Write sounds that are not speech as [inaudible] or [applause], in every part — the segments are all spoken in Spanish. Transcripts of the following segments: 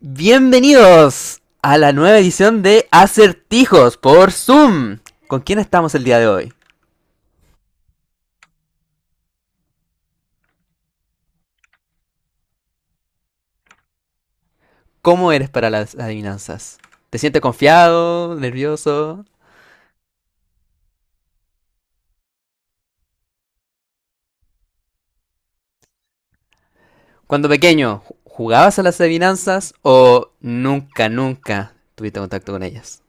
Bienvenidos a la nueva edición de Acertijos por Zoom. ¿Con quién estamos el día de hoy? ¿Cómo eres para las adivinanzas? ¿Te sientes confiado, nervioso? Cuando pequeño, ¿jugabas a las adivinanzas o nunca tuviste contacto con ellas?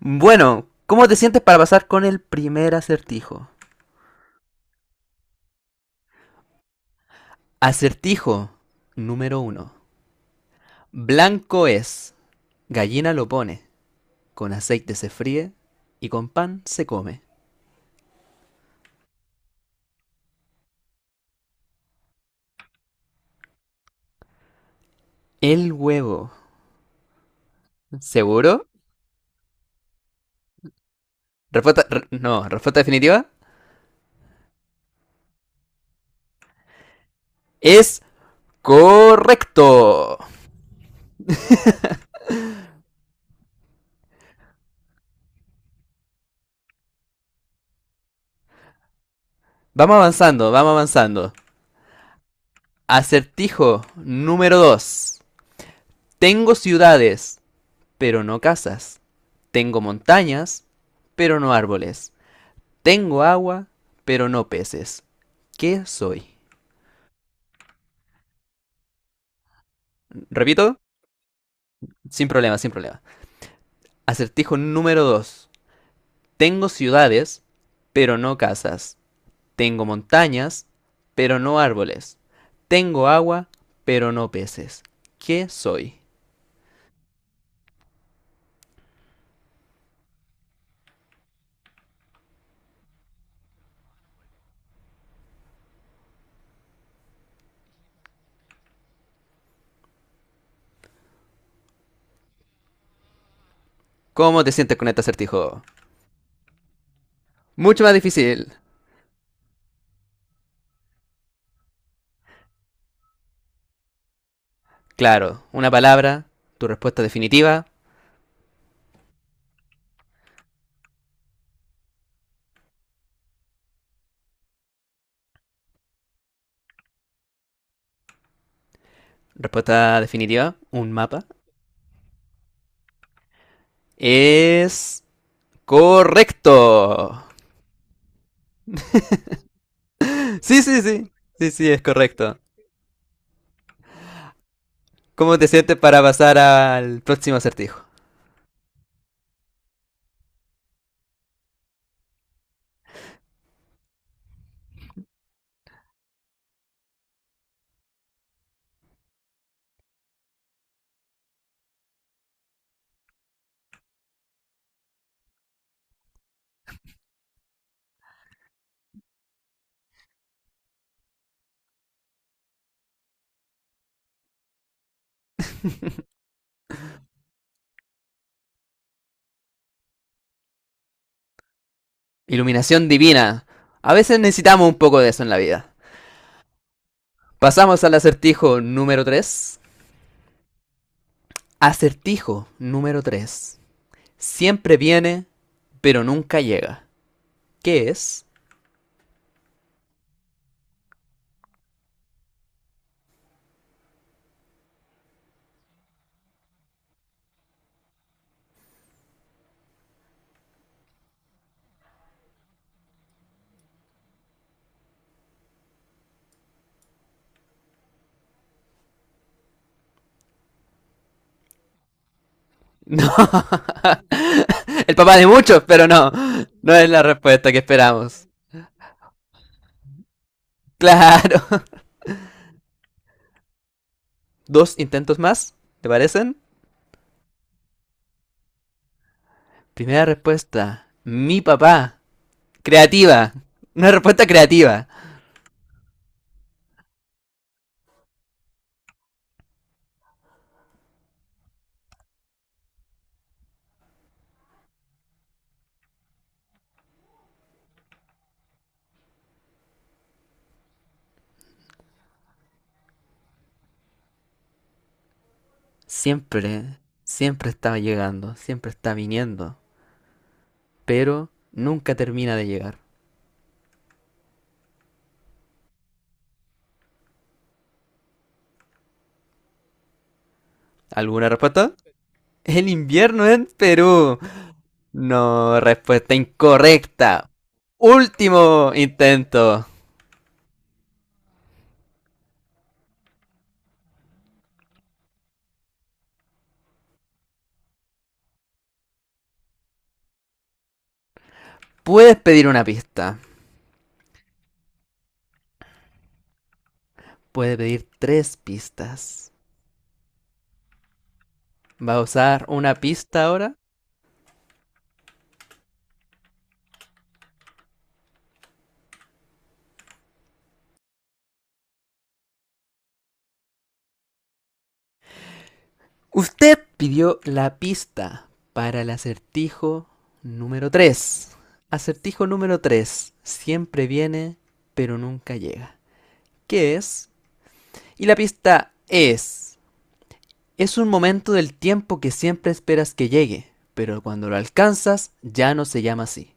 Bueno, ¿cómo te sientes para pasar con el primer acertijo? Acertijo número uno. Blanco es, gallina lo pone, con aceite se fríe y con pan se come. El huevo. ¿Seguro? Respuesta, no, respuesta definitiva. Es correcto. Vamos avanzando, vamos avanzando. Acertijo número 2. Tengo ciudades, pero no casas. Tengo montañas, pero no árboles. Tengo agua, pero no peces. ¿Qué soy? Repito, sin problema, sin problema. Acertijo número 2. Tengo ciudades, pero no casas. Tengo montañas, pero no árboles. Tengo agua, pero no peces. ¿Qué soy? ¿Cómo te sientes con este acertijo? Mucho más difícil. Claro, una palabra, tu respuesta definitiva, un mapa. Es correcto. Sí, sí, sí. Sí, sí, es correcto. ¿Cómo te sientes para pasar al próximo acertijo? Iluminación divina. A veces necesitamos un poco de eso en la vida. Pasamos al acertijo número 3. Acertijo número 3. Siempre viene, pero nunca llega. ¿Qué es? [laughs] No, el papá de muchos, pero no. No es la respuesta que esperamos. [laughs] Claro. Dos intentos más, ¿te parecen? Primera respuesta. Mi papá. Creativa. Una respuesta creativa. Siempre, siempre estaba llegando, siempre está viniendo, pero nunca termina de llegar. ¿Alguna respuesta? El invierno en Perú. No, respuesta incorrecta. Último intento. Puedes pedir una pista. Puede pedir tres pistas. ¿Va a usar una pista ahora? Usted pidió la pista para el acertijo número 3. Acertijo número tres. Siempre viene, pero nunca llega. ¿Qué es? Y la pista es... Es un momento del tiempo que siempre esperas que llegue, pero cuando lo alcanzas ya no se llama así.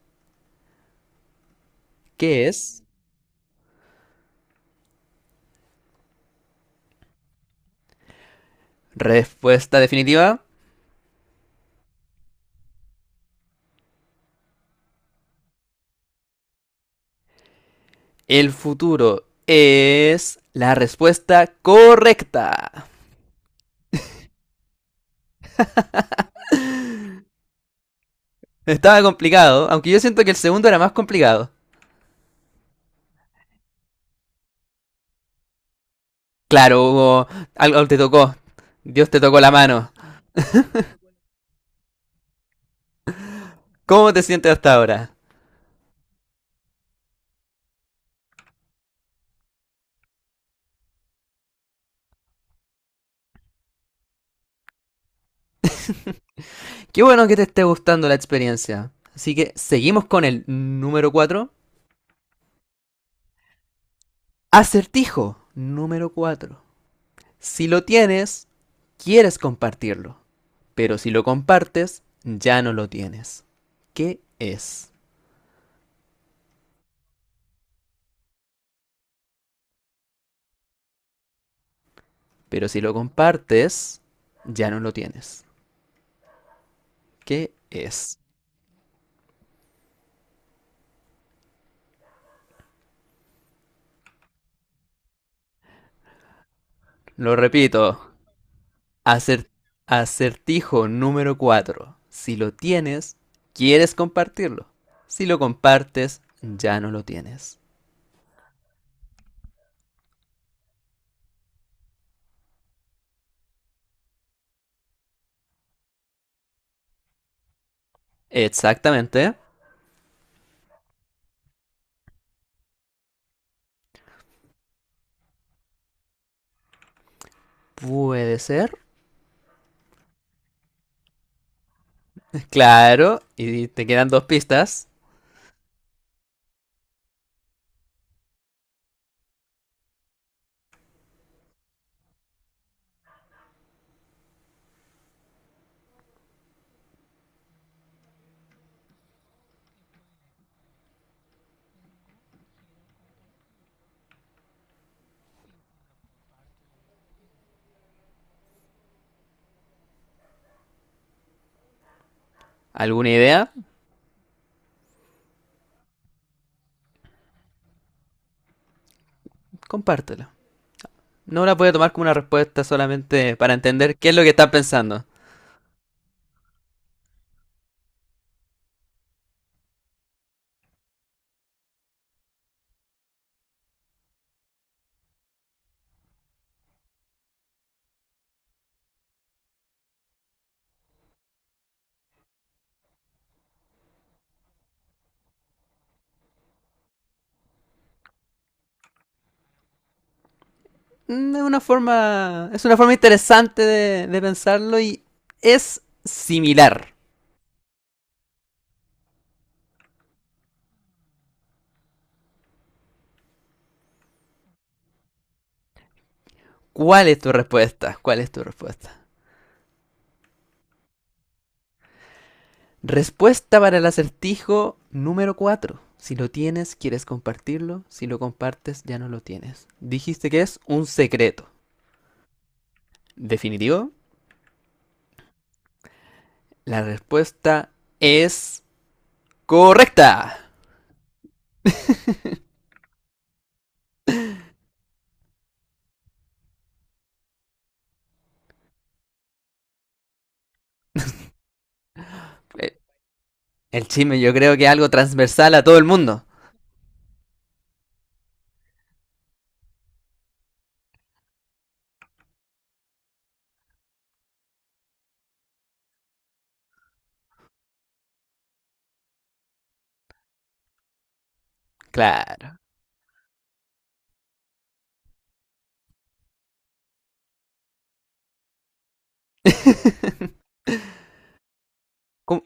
¿Qué es? Respuesta definitiva. El futuro es la respuesta correcta. Estaba complicado, aunque yo siento que el segundo era más complicado. Claro, Hugo, algo te tocó. Dios te tocó la mano. ¿Cómo te sientes hasta ahora? Qué bueno que te esté gustando la experiencia. Así que seguimos con el número cuatro. Acertijo número 4. Si lo tienes, quieres compartirlo. Pero si lo compartes, ya no lo tienes. ¿Qué es? Pero si lo compartes, ya no lo tienes. ¿Qué es? Lo repito. Acert acertijo número 4. Si lo tienes, quieres compartirlo. Si lo compartes, ya no lo tienes. Exactamente. Puede ser. [laughs] Claro. Y te quedan dos pistas. ¿Alguna idea? Compártelo. No la puede tomar como una respuesta solamente para entender qué es lo que está pensando. Es una forma interesante de pensarlo y es similar. ¿Cuál es tu respuesta? ¿Cuál es tu respuesta? Respuesta para el acertijo número 4. Si lo tienes, quieres compartirlo. Si lo compartes, ya no lo tienes. Dijiste que es un secreto. Definitivo, la respuesta es correcta. Eh, El chisme yo creo que es algo transversal a todo el mundo. Claro. ¿Cómo,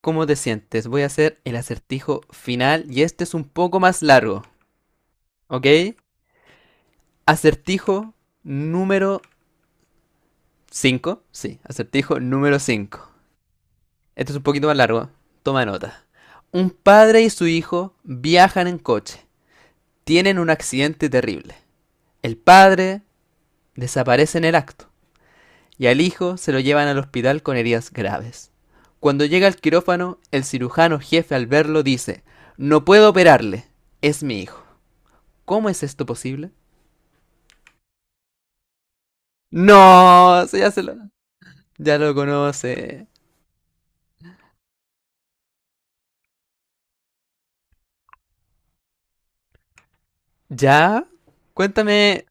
cómo te sientes? Voy a hacer el acertijo final y este es un poco más largo, ¿ok? Acertijo número cinco. Sí, acertijo número 5. Este es un poquito más largo. Toma nota. Un padre y su hijo viajan en coche. Tienen un accidente terrible. El padre desaparece en el acto y al hijo se lo llevan al hospital con heridas graves. Cuando llega al quirófano, el cirujano jefe al verlo dice, no puedo operarle, es mi hijo. ¿Cómo es esto posible? No, sí, ya se lo, ya lo conoce. ¿Ya? Cuéntame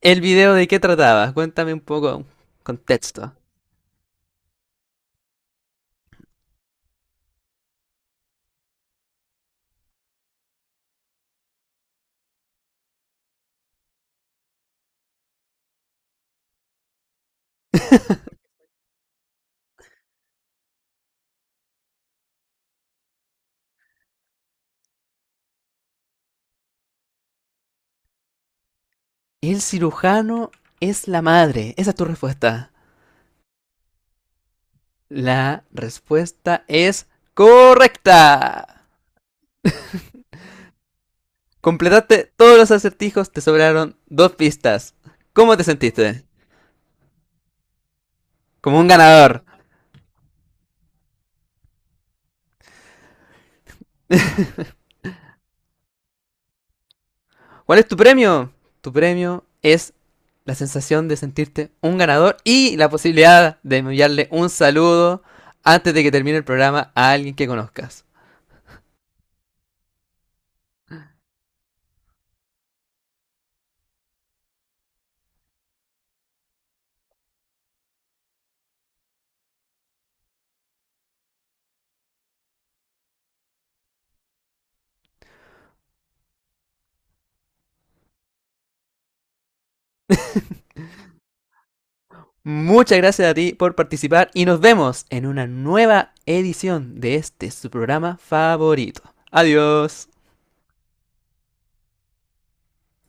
el video de qué trataba, cuéntame un poco contexto. [laughs] El cirujano es la madre, esa es tu respuesta. La respuesta es correcta. Completaste todos los acertijos, te sobraron dos pistas. ¿Cómo te sentiste? Como un ganador. [laughs] ¿Cuál es tu premio? Tu premio es la sensación de sentirte un ganador y la posibilidad de enviarle un saludo antes de que termine el programa a alguien que conozcas. Muchas gracias a ti por participar y nos vemos en una nueva edición de este su programa favorito. Adiós.